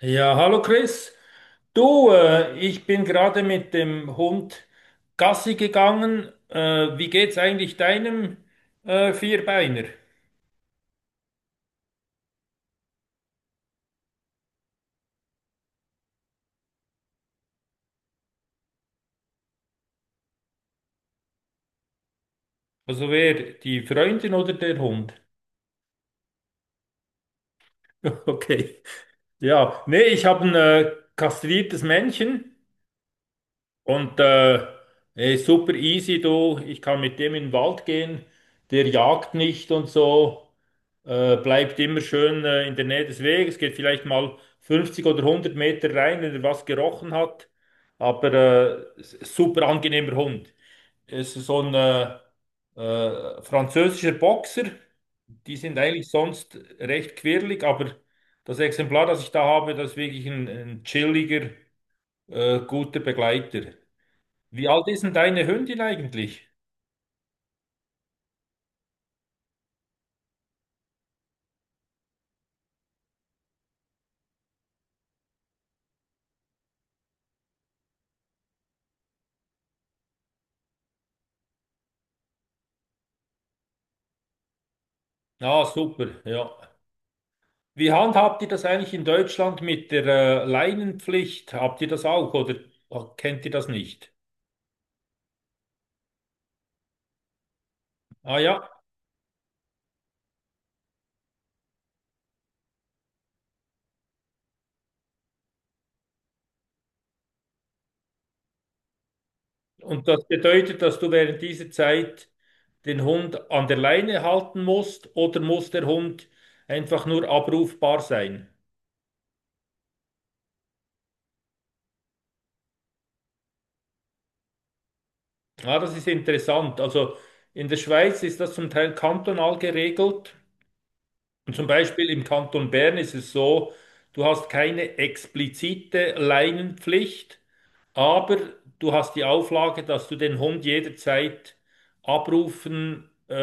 Ja, hallo Chris. Du, ich bin gerade mit dem Hund Gassi gegangen. Wie geht's eigentlich deinem Vierbeiner? Also wer, die Freundin oder der Hund? Okay. Ja, nee, ich habe ein kastriertes Männchen. Und er super easy, du. Ich kann mit dem in den Wald gehen. Der jagt nicht und so. Bleibt immer schön in der Nähe des Weges. Geht vielleicht mal 50 oder 100 Meter rein, wenn er was gerochen hat. Aber super angenehmer Hund. Es ist so ein französischer Boxer. Die sind eigentlich sonst recht quirlig, aber das Exemplar, das ich da habe, das ist wirklich ein chilliger, guter Begleiter. Wie alt ist denn deine Hündin eigentlich? Ah, super, ja. Wie handhabt ihr das eigentlich in Deutschland mit der Leinenpflicht? Habt ihr das auch oder kennt ihr das nicht? Ah ja, und das bedeutet, dass du während dieser Zeit den Hund an der Leine halten musst oder muss der Hund einfach nur abrufbar sein? Ah, das ist interessant. Also in der Schweiz ist das zum Teil kantonal geregelt. Und zum Beispiel im Kanton Bern ist es so, du hast keine explizite Leinenpflicht, aber du hast die Auflage, dass du den Hund jederzeit abrufen, äh,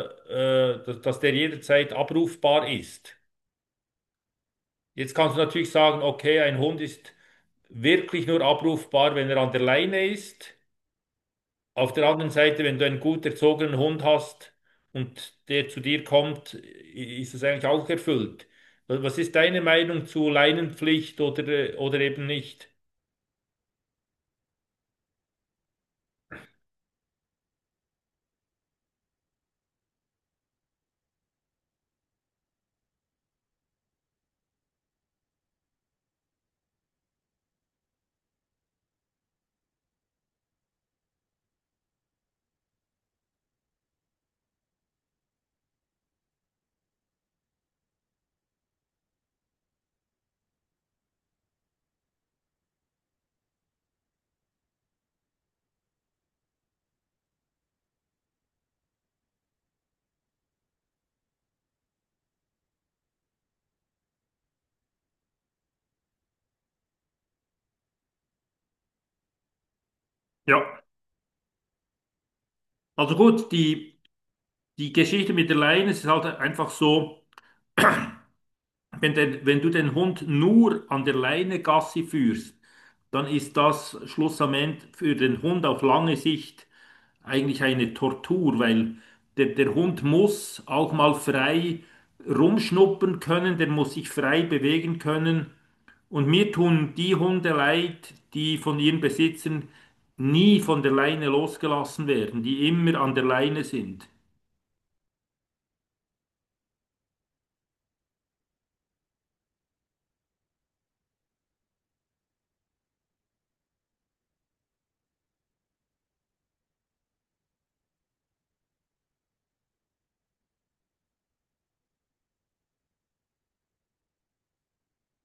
äh, dass der jederzeit abrufbar ist. Jetzt kannst du natürlich sagen, okay, ein Hund ist wirklich nur abrufbar, wenn er an der Leine ist. Auf der anderen Seite, wenn du einen gut erzogenen Hund hast und der zu dir kommt, ist es eigentlich auch erfüllt. Was ist deine Meinung zu Leinenpflicht oder eben nicht? Ja, also gut, die Geschichte mit der Leine es ist halt einfach so. Wenn du den Hund nur an der Leine Gassi führst, dann ist das schlussendlich für den Hund auf lange Sicht eigentlich eine Tortur, weil der Hund muss auch mal frei rumschnuppern können, der muss sich frei bewegen können. Und mir tun die Hunde leid, die von ihren Besitzern nie von der Leine losgelassen werden, die immer an der Leine sind.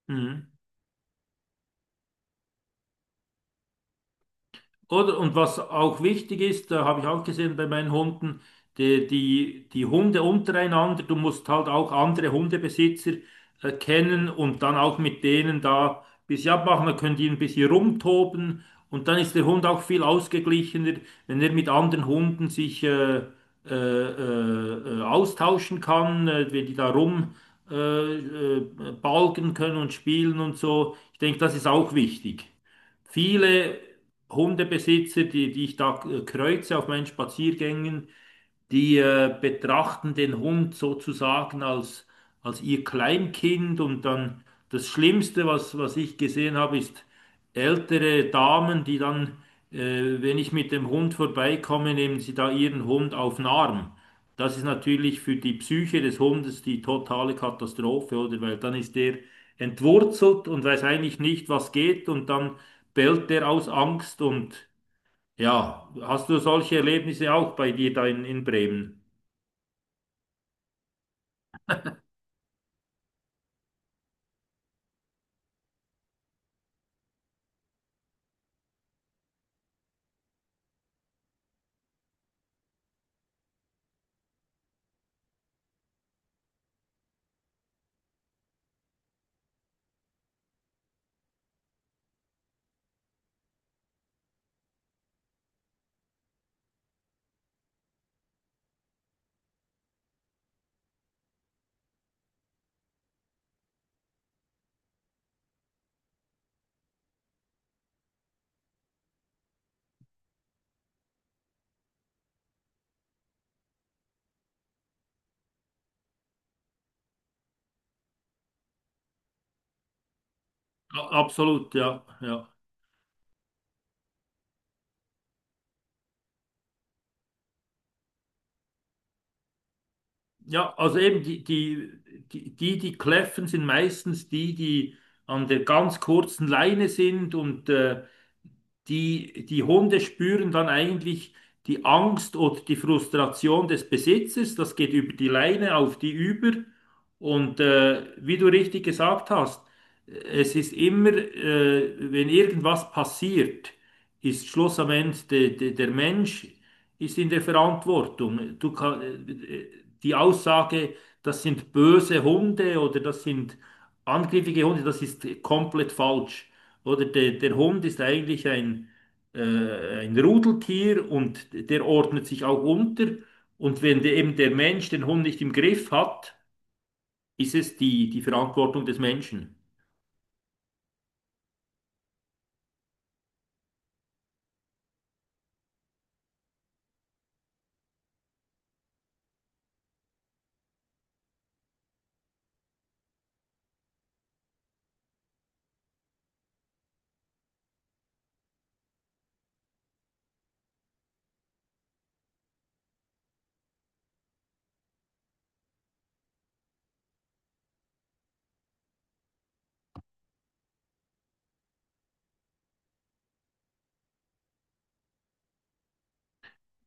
Mhm. Oder, und was auch wichtig ist, da habe ich auch gesehen bei meinen Hunden, die Hunde untereinander, du musst halt auch andere Hundebesitzer kennen und dann auch mit denen da ein bisschen abmachen, dann können die ein bisschen rumtoben und dann ist der Hund auch viel ausgeglichener, wenn er mit anderen Hunden sich austauschen kann, wenn die da rum äh, äh, balgen können und spielen und so. Ich denke, das ist auch wichtig viele Hundebesitzer, die ich da kreuze auf meinen Spaziergängen, die betrachten den Hund sozusagen als, als ihr Kleinkind und dann das Schlimmste, was ich gesehen habe, ist ältere Damen, die dann, äh, wenn ich mit dem Hund vorbeikomme, nehmen sie da ihren Hund auf den Arm. Das ist natürlich für die Psyche des Hundes die totale Katastrophe, oder? Weil dann ist der entwurzelt und weiß eigentlich nicht, was geht und dann bellt der aus Angst und ja, hast du solche Erlebnisse auch bei dir da in Bremen? Absolut, ja, ja. Ja, also eben die kläffen, sind meistens die an der ganz kurzen Leine sind und äh. Die Hunde spüren dann eigentlich die Angst oder die Frustration des Besitzers. Das geht über die Leine auf die über. Und wie du richtig gesagt hast, es ist immer, wenn irgendwas passiert, ist Schluss am Ende der Mensch ist in der Verantwortung. Du kann, äh, die Aussage, das sind böse Hunde oder das sind angrifffige Hunde, das ist komplett falsch. Oder der Hund ist eigentlich äh, ein Rudeltier und der ordnet sich auch unter. Und wenn der, eben der Mensch den Hund nicht im Griff hat, ist es die Verantwortung des Menschen.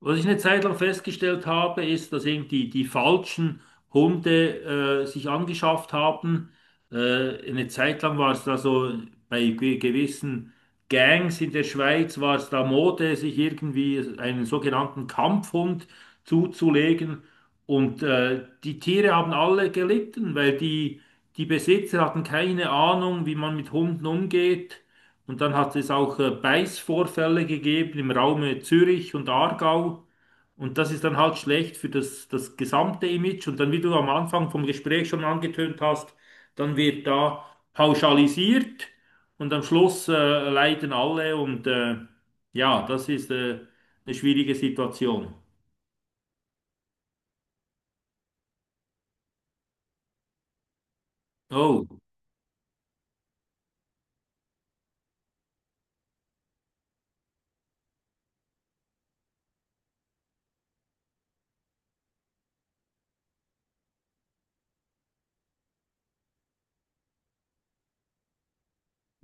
Was ich eine Zeit lang festgestellt habe, ist, dass irgendwie die falschen Hunde sich angeschafft haben. Eine Zeit lang war es da so, bei gewissen Gangs in der Schweiz war es da Mode, sich irgendwie einen sogenannten Kampfhund zuzulegen. Und die Tiere haben alle gelitten, weil die Besitzer hatten keine Ahnung, wie man mit Hunden umgeht. Und dann hat es auch Beißvorfälle gegeben im Raum Zürich und Aargau. Und das ist dann halt schlecht für das gesamte Image. Und dann, wie du am Anfang vom Gespräch schon angetönt hast, dann wird da pauschalisiert und am Schluss leiden alle. Und ja, das ist eine schwierige Situation. Oh,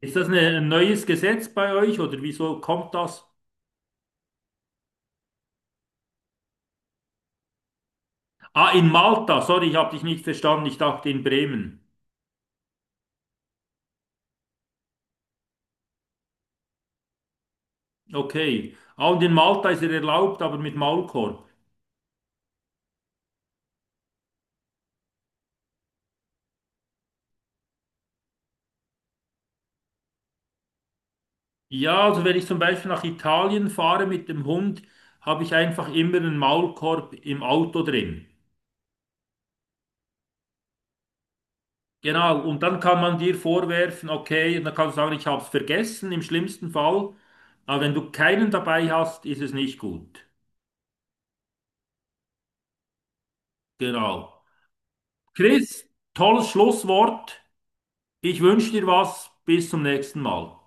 ist das eine, ein neues Gesetz bei euch oder wieso kommt das? Ah, in Malta, sorry, ich habe dich nicht verstanden. Ich dachte in Bremen. Okay. Ah, und in Malta ist er erlaubt, aber mit Maulkorb. Ja, also wenn ich zum Beispiel nach Italien fahre mit dem Hund, habe ich einfach immer einen Maulkorb im Auto drin. Genau, und dann kann man dir vorwerfen, okay, und dann kannst du sagen, ich habe es vergessen im schlimmsten Fall. Aber wenn du keinen dabei hast, ist es nicht gut. Genau. Chris, tolles Schlusswort. Ich wünsche dir was. Bis zum nächsten Mal.